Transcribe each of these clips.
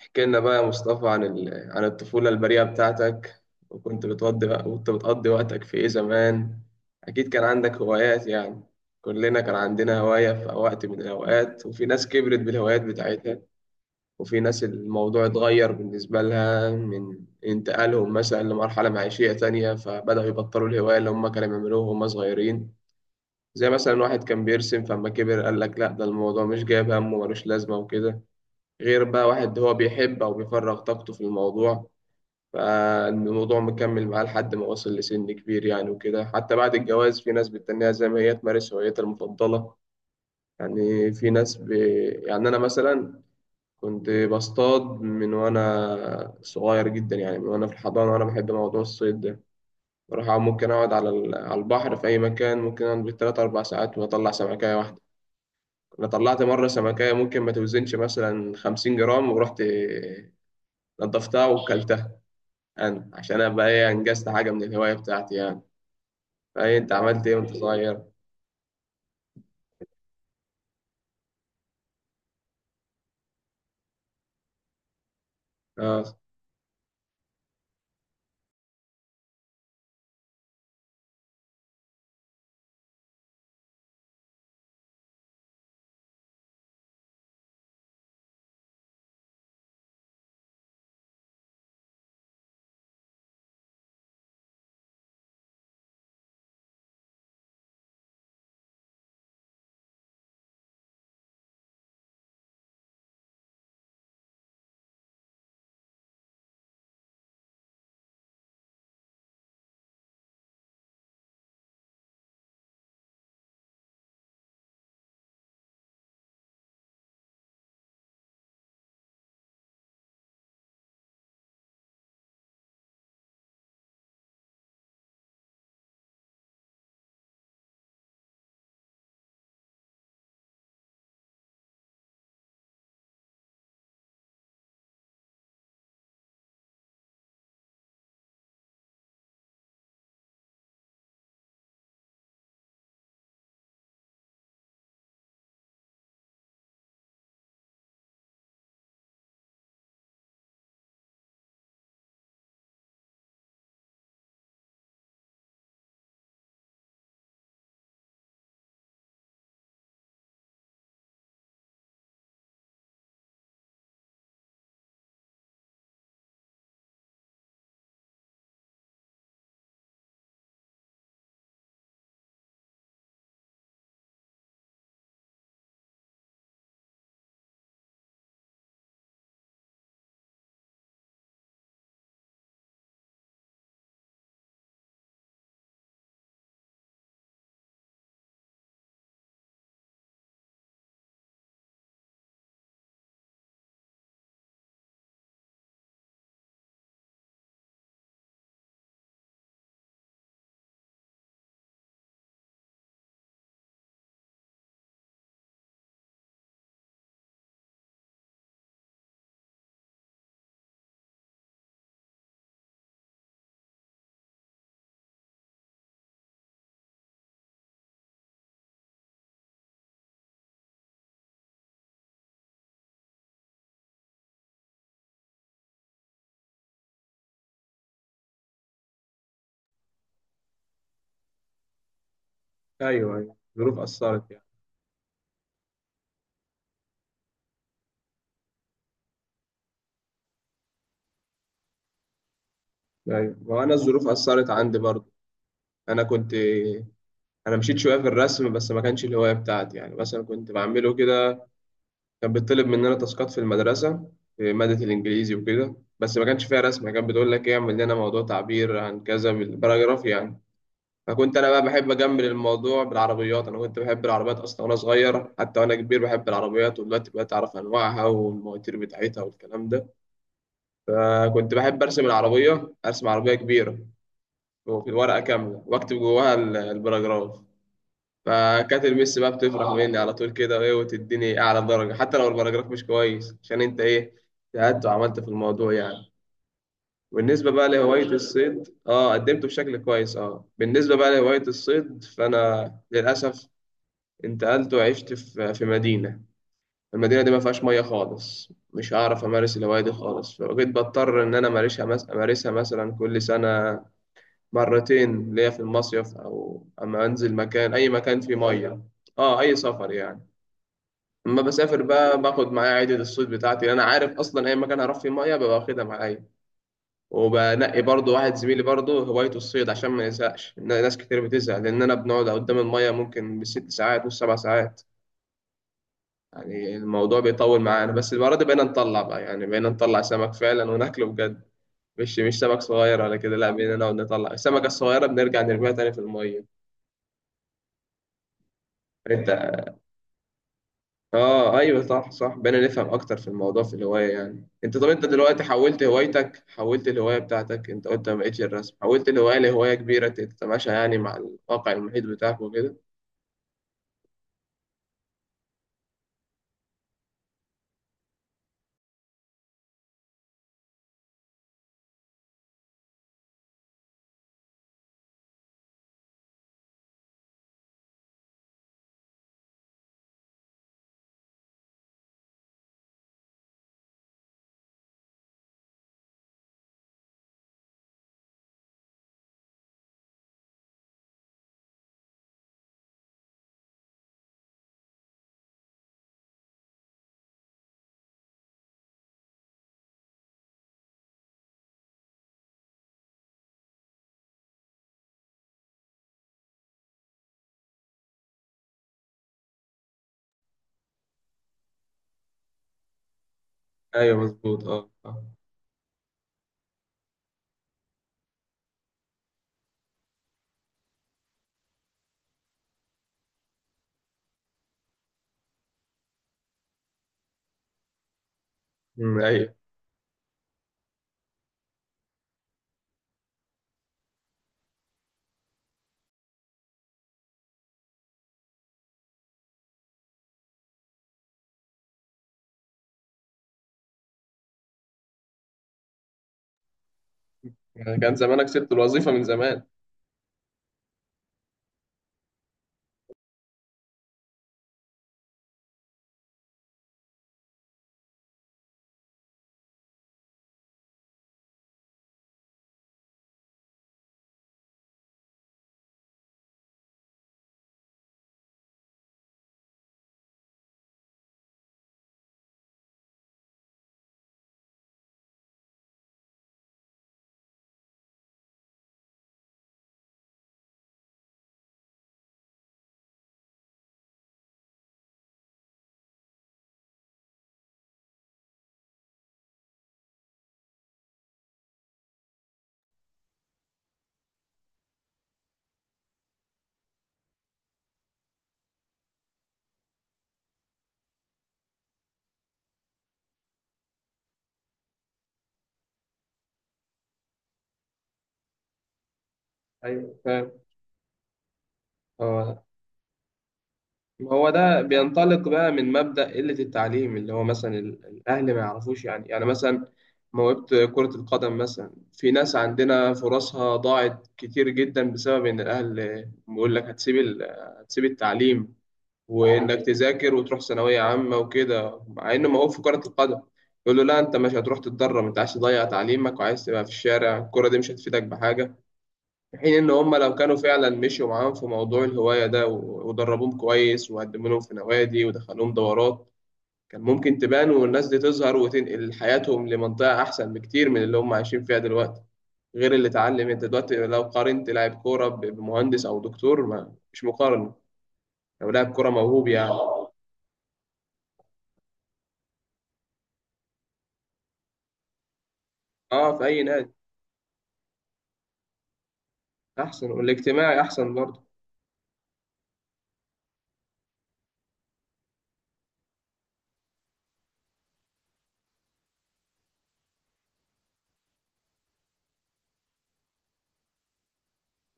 احكي لنا بقى يا مصطفى عن الطفولة البريئة بتاعتك. وكنت بتقضي وقتك في إيه زمان؟ أكيد كان عندك هوايات يعني. كلنا كان عندنا هواية في وقت من الأوقات، وفي ناس كبرت بالهوايات بتاعتها، وفي ناس الموضوع اتغير بالنسبة لها من انتقالهم مثلا لمرحلة معيشية تانية، فبدأوا يبطلوا الهواية اللي هم كانوا بيعملوها وهم صغيرين. زي مثلا واحد كان بيرسم، فلما كبر قال لك لا ده الموضوع مش جايب همه ملوش لازمة وكده. غير بقى واحد هو بيحب أو بيفرغ طاقته في الموضوع، فالموضوع مكمل معاه لحد ما وصل لسن كبير يعني وكده. حتى بعد الجواز في ناس بتتنيها زي ما هي تمارس هوايتها المفضلة. يعني في ناس ب... يعني أنا مثلا كنت بصطاد من وأنا صغير جدا، يعني من وأنا في الحضانة، وأنا بحب موضوع الصيد ده. ممكن أقعد على على البحر في أي مكان. ممكن أقعد بالتلات أربع ساعات وأطلع سمكاية واحدة. أنا طلعت مرة سمكاية ممكن ما توزنش مثلا 50 جرام، ورحت نضفتها وكلتها. انا عشان ابقى ايه، انجزت حاجه من الهوايه بتاعتي يعني. فايه، انت عملت ايه وانت صغير؟ اه، ايوه ايوه، الظروف اثرت يعني. ايوه، وانا الظروف اثرت عندي برضه. انا كنت انا مشيت شويه في الرسم، بس ما كانش الهوايه بتاعتي يعني. مثلا كنت بعمله كده، كان بيطلب مننا تاسكات في المدرسه في ماده الانجليزي وكده، بس ما كانش فيها رسم. كان بتقول لك ايه اعمل لنا موضوع تعبير عن كذا بالباراجراف يعني. فكنت انا بقى بحب اجمل الموضوع بالعربيات. انا كنت بحب العربيات اصلا وانا صغير، حتى وانا كبير بحب العربيات، ودلوقتي بقيت اعرف انواعها والمواتير بتاعتها والكلام ده. فكنت بحب ارسم العربيه، ارسم عربيه كبيره وفي الورقه كامله واكتب جواها البراجراف. فكانت المس بقى بتفرح مني على طول كده وايه، وتديني اعلى درجه حتى لو البراجراف مش كويس، عشان انت ايه اجتهدت وعملت في الموضوع يعني. بالنسبة بقى لهواية الصيد، اه قدمته بشكل كويس. اه، بالنسبة بقى لهواية الصيد، فأنا للأسف انتقلت وعشت في مدينة. المدينة دي ما فيهاش مية خالص، مش هعرف أمارس الهواية دي خالص. فبقيت بضطر إن أنا أمارسها مثلا كل سنة مرتين ليا في المصيف، أو أما أنزل مكان، أي مكان فيه مية. أه، أي سفر يعني. أما بسافر بقى باخد معايا عدة الصيد بتاعتي. أنا عارف أصلا أي مكان هروح فيه مية ببقى واخدها معايا. وبنقي برضه واحد زميلي برضه هوايته الصيد، عشان ما يزهقش، إن ناس كتير بتزهق، لأن أنا بنقعد قدام المية ممكن بـ 6 ساعات و 7 ساعات. يعني الموضوع بيطول معانا. بس المرة دي بقينا نطلع بقى، يعني بقينا نطلع سمك فعلا وناكله بجد، مش سمك صغير ولا كده. لا بقينا نقعد نطلع السمكة الصغيرة بنرجع نرميها تاني في المية. انت، اه ايوه صح صح، بقينا نفهم اكتر في الموضوع في الهواية يعني. انت، طب انت دلوقتي حولت هوايتك، حولت الهواية بتاعتك، انت قلت ما بقتش الرسم، حولت الهواية لهواية كبيرة تتماشى يعني مع الواقع المحيط بتاعك وكده. ايوه، مظبوط. اه، آه. أمم، ايوه. يعني كان زمانك سبت الوظيفة من زمان. ايوه، فاهم. اه، ما هو ده بينطلق بقى من مبدأ قلة التعليم، اللي هو مثلا الأهل ما يعرفوش يعني. يعني مثلا موهبة كرة القدم مثلا، في ناس عندنا فرصها ضاعت كتير جدا بسبب إن الأهل بيقول لك هتسيب التعليم وإنك تذاكر وتروح ثانوية عامة وكده، مع إنه موهوب في كرة القدم. يقول له لا، أنت مش هتروح تتدرب، أنت عايز تضيع تعليمك وعايز تبقى في الشارع، الكرة دي مش هتفيدك بحاجة. في حين إن هم لو كانوا فعلا مشوا معاهم في موضوع الهواية ده ودربوهم كويس وقدموا لهم في نوادي ودخلوهم دورات، كان ممكن تبان والناس دي تظهر وتنقل حياتهم لمنطقة أحسن بكتير من اللي هم عايشين فيها دلوقتي. غير اللي اتعلم. أنت دلوقتي لو قارنت لاعب كورة بمهندس أو دكتور، ما مش مقارنة لو لاعب كورة موهوب يعني. أه، في أي نادي. أحسن، والاجتماعي أحسن برضه.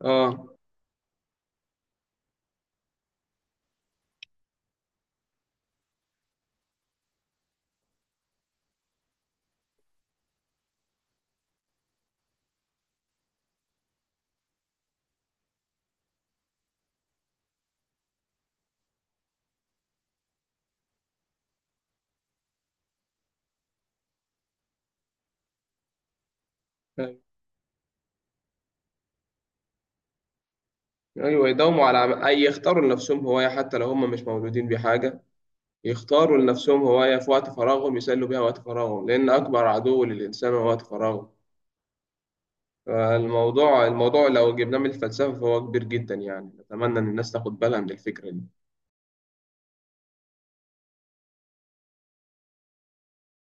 أه، أيوه. أيوة. يداوموا على أي يختاروا لنفسهم هواية حتى لو هم مش مولودين بحاجة. يختاروا لنفسهم هواية في وقت فراغهم يسلوا بيها وقت فراغهم، لأن أكبر عدو للإنسان هو وقت فراغه. فالموضوع لو جبناه من الفلسفة فهو كبير جدا يعني. نتمنى إن الناس تاخد بالها من الفكرة دي.